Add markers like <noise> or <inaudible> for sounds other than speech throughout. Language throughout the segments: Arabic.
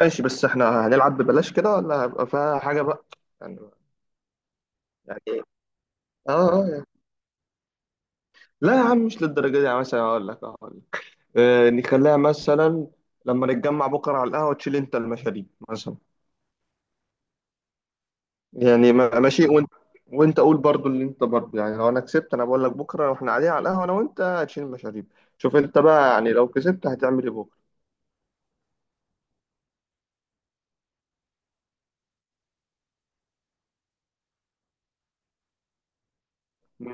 ماشي، بس احنا هنلعب ببلاش كده ولا هيبقى فيها حاجة بقى يعني؟ يعني ايه؟ اه، اه يعني. لا يا عم، مش للدرجة دي يعني. مثلا اقول لك اه نخليها مثلا. لما نتجمع بكرة على القهوة تشيل انت المشاريب مثلا. يعني ماشي. وانت قول برضو اللي انت برضو يعني، لو انا كسبت انا بقول لك بكرة واحنا قاعدين على القهوة انا وانت هتشيل المشاريب. شوف انت بقى يعني، لو كسبت هتعمل ايه بكرة؟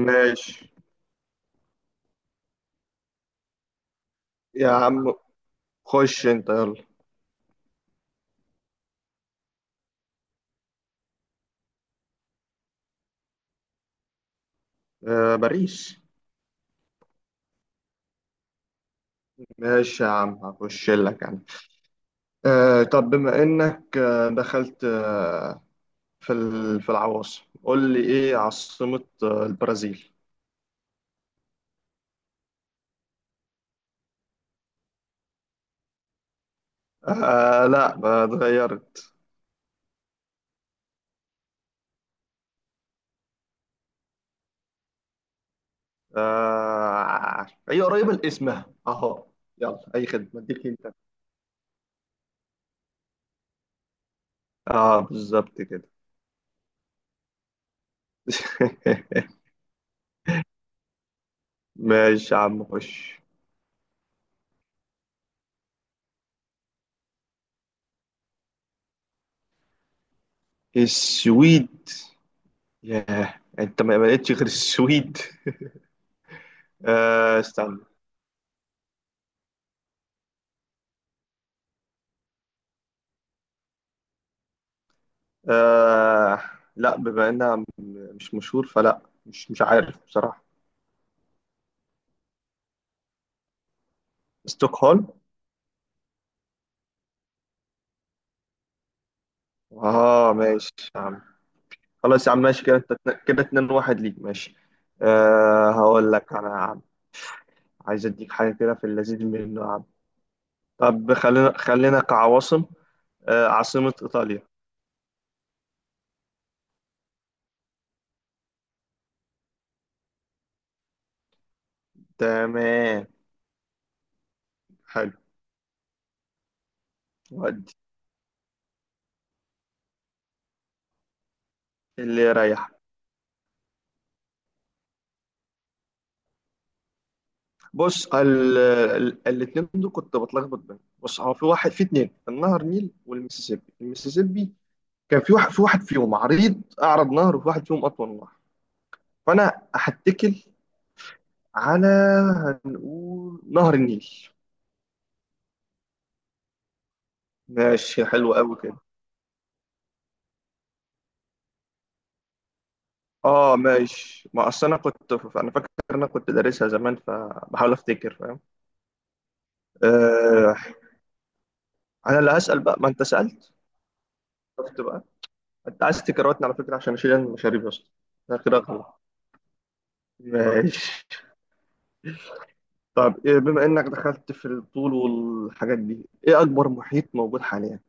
ماشي يا عم، خش انت يلا. اه، باريس. ماشي يا عم، هخش لك انا. طب بما إنك دخلت في في العواصم، قول لي إيه عاصمة البرازيل؟ لا اتغيرت. آه، هي قريبة لاسمها أهو. يلا، أي خدمة، أديك أنت. آه بالظبط كده. <laughs> ماشي يا عم، خش. السويد. ياه، أنت ما لقيتش غير السويد. آه، استنى. آه، لا بما إنها مش مشهور، فلا، مش عارف بصراحة. ستوكهولم. اه ماشي يا عم. خلاص يا عم، ماشي كده، انت كده اتنين واحد ليك، ماشي. أه، هقول لك انا يا عم. عايز اديك حاجه كده في اللذيذ منه يا عم. طب خلينا خلينا كعواصم. أه، عاصمه ايطاليا. تمام حلو. ودي اللي يريح. بص، الاتنين دول كنت بتلخبط بينهم. بص، هو في واحد في اتنين، النهر نيل والمسيسيبي. المسيسيبي كان في واحد فيهم عريض، اعرض نهر، وفي واحد فيهم اطول نهر. فانا هتكل على، هنقول نهر النيل. ماشي، حلو قوي كده. اه ماشي، ما اصل انا كنت، انا فاكر انا كنت دارسها زمان فبحاول افتكر، فاهم. آه، انا اللي هسأل بقى، ما انت سألت. شفت بقى. انت عايز تكررتني على فكرة عشان اشيل المشاريب يا اسطى. ده كده غلط. ماشي. طب بما انك دخلت في الطول والحاجات دي، ايه اكبر محيط موجود حاليا؟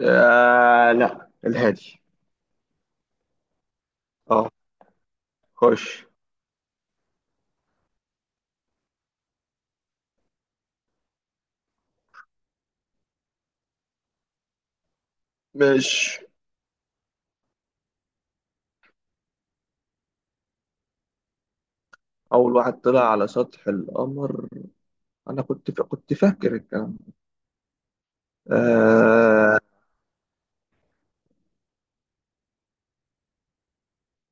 آه لا، الهادي. اه. خش. مش أول واحد طلع على سطح القمر؟ انا كنت كنت فاكر الكلام ده. آه...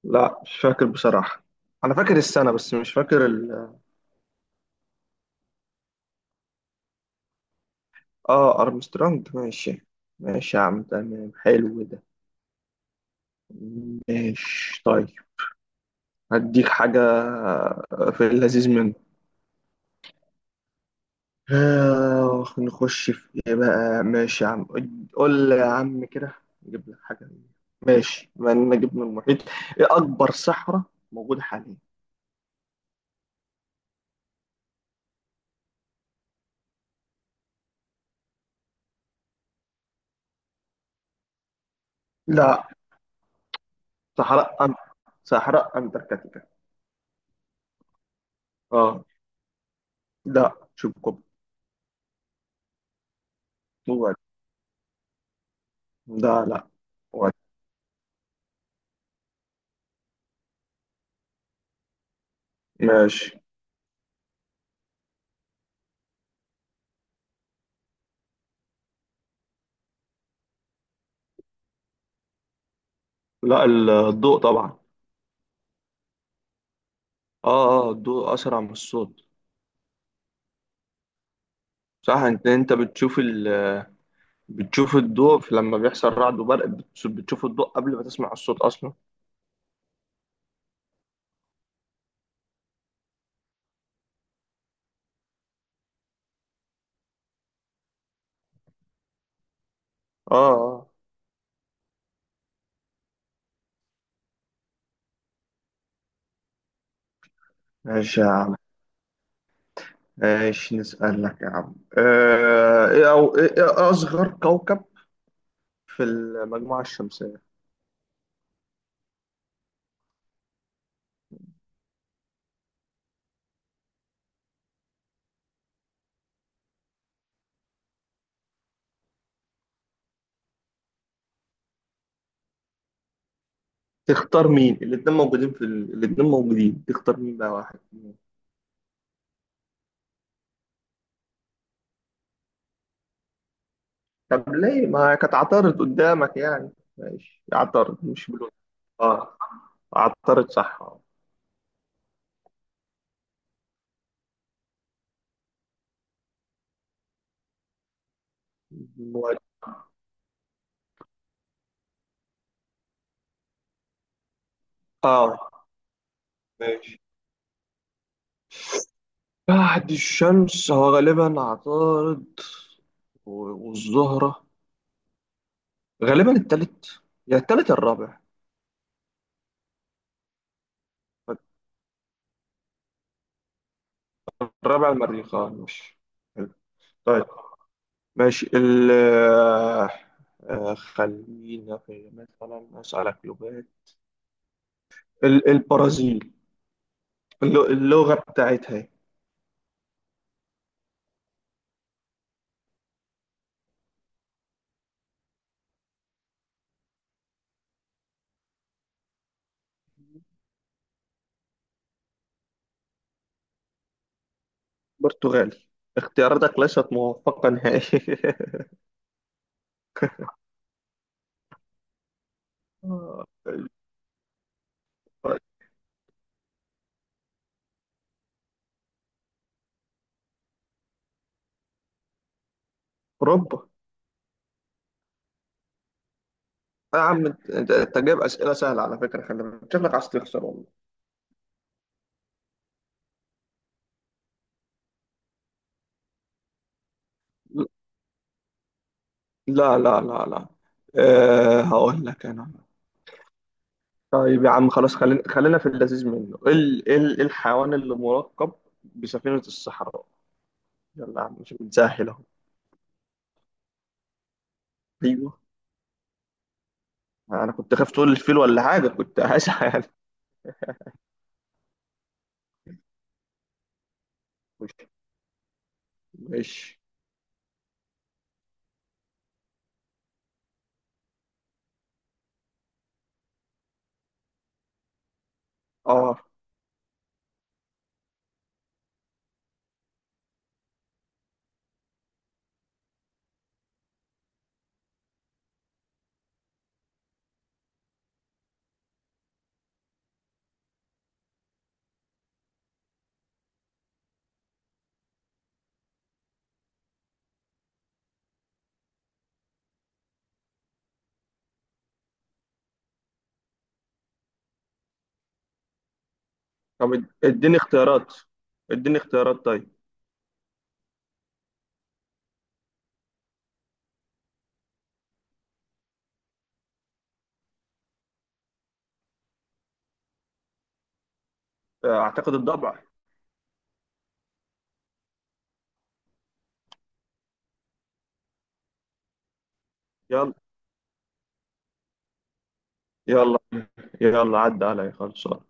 لا مش فاكر بصراحة. انا فاكر السنة بس مش فاكر اه، ارمسترونج ماشي. ماشي يا عم، تمام حلو ده. ماشي طيب. هديك حاجة في اللذيذ منه. نخش في ايه بقى، ماشي يا عم. قول لي يا عم كده، نجيب لك حاجة. ماشي، بما اننا جبنا المحيط، ايه اكبر صحراء موجودة حاليا؟ لا، صحراء أن... صحراء انتاركتيكا. اه لا، شوف كوب. وعد. ده لا، وعد. ماشي. لا، الضوء طبعا. اه، اه الضوء اسرع من الصوت. صح، انت بتشوف ال، بتشوف الضوء لما بيحصل رعد وبرق، بتشوف الضوء قبل ما تسمع الصوت اصلا. اه، اه ماشي يا عم. ماشي، نسألك يا عم، آه ايه او ايه إيه اصغر كوكب في المجموعة الشمسية؟ تختار مين؟ الاتنين موجودين الاتنين موجودين، تختار مين بقى واحد. طب ليه ما كانت عطارد قدامك يعني؟ ماشي، عطارد مش بلون. اه، عطارد صح اه. مواجه. اه ماشي. بعد الشمس هو غالبا عطارد والزهرة. غالبا التالت، يا التالت يا الرابع. الرابع المريخ، اه ماشي. حلو. طيب، ماشي خلينا في مثلا أسألك لغات. البرازيل، اللغة بتاعتها إيه؟ برتغالي. اختياراتك ليست موفقة نهائيا. <laughs> أوروبا. يا عم أنت، أنت جايب أسئلة سهلة على فكرة، خلي بالك شكلك عايز تخسر والله. لا، لا، لا، لا. أه، هقول لك أنا. طيب يا عم خلاص، خلينا خلينا في اللذيذ منه. إيه الحيوان اللي مركب بسفينة الصحراء؟ يلا يا عم، مش بتسهل أهو. أيوه. أنا كنت خايف تقول الفيل ولا حاجة، كنت هسعى يعني. <laughs> ماشي اه. طب اديني اختيارات، اديني اختيارات طيب. اعتقد الضبع. يلا. يلا، يلا، عدى علي خلصان.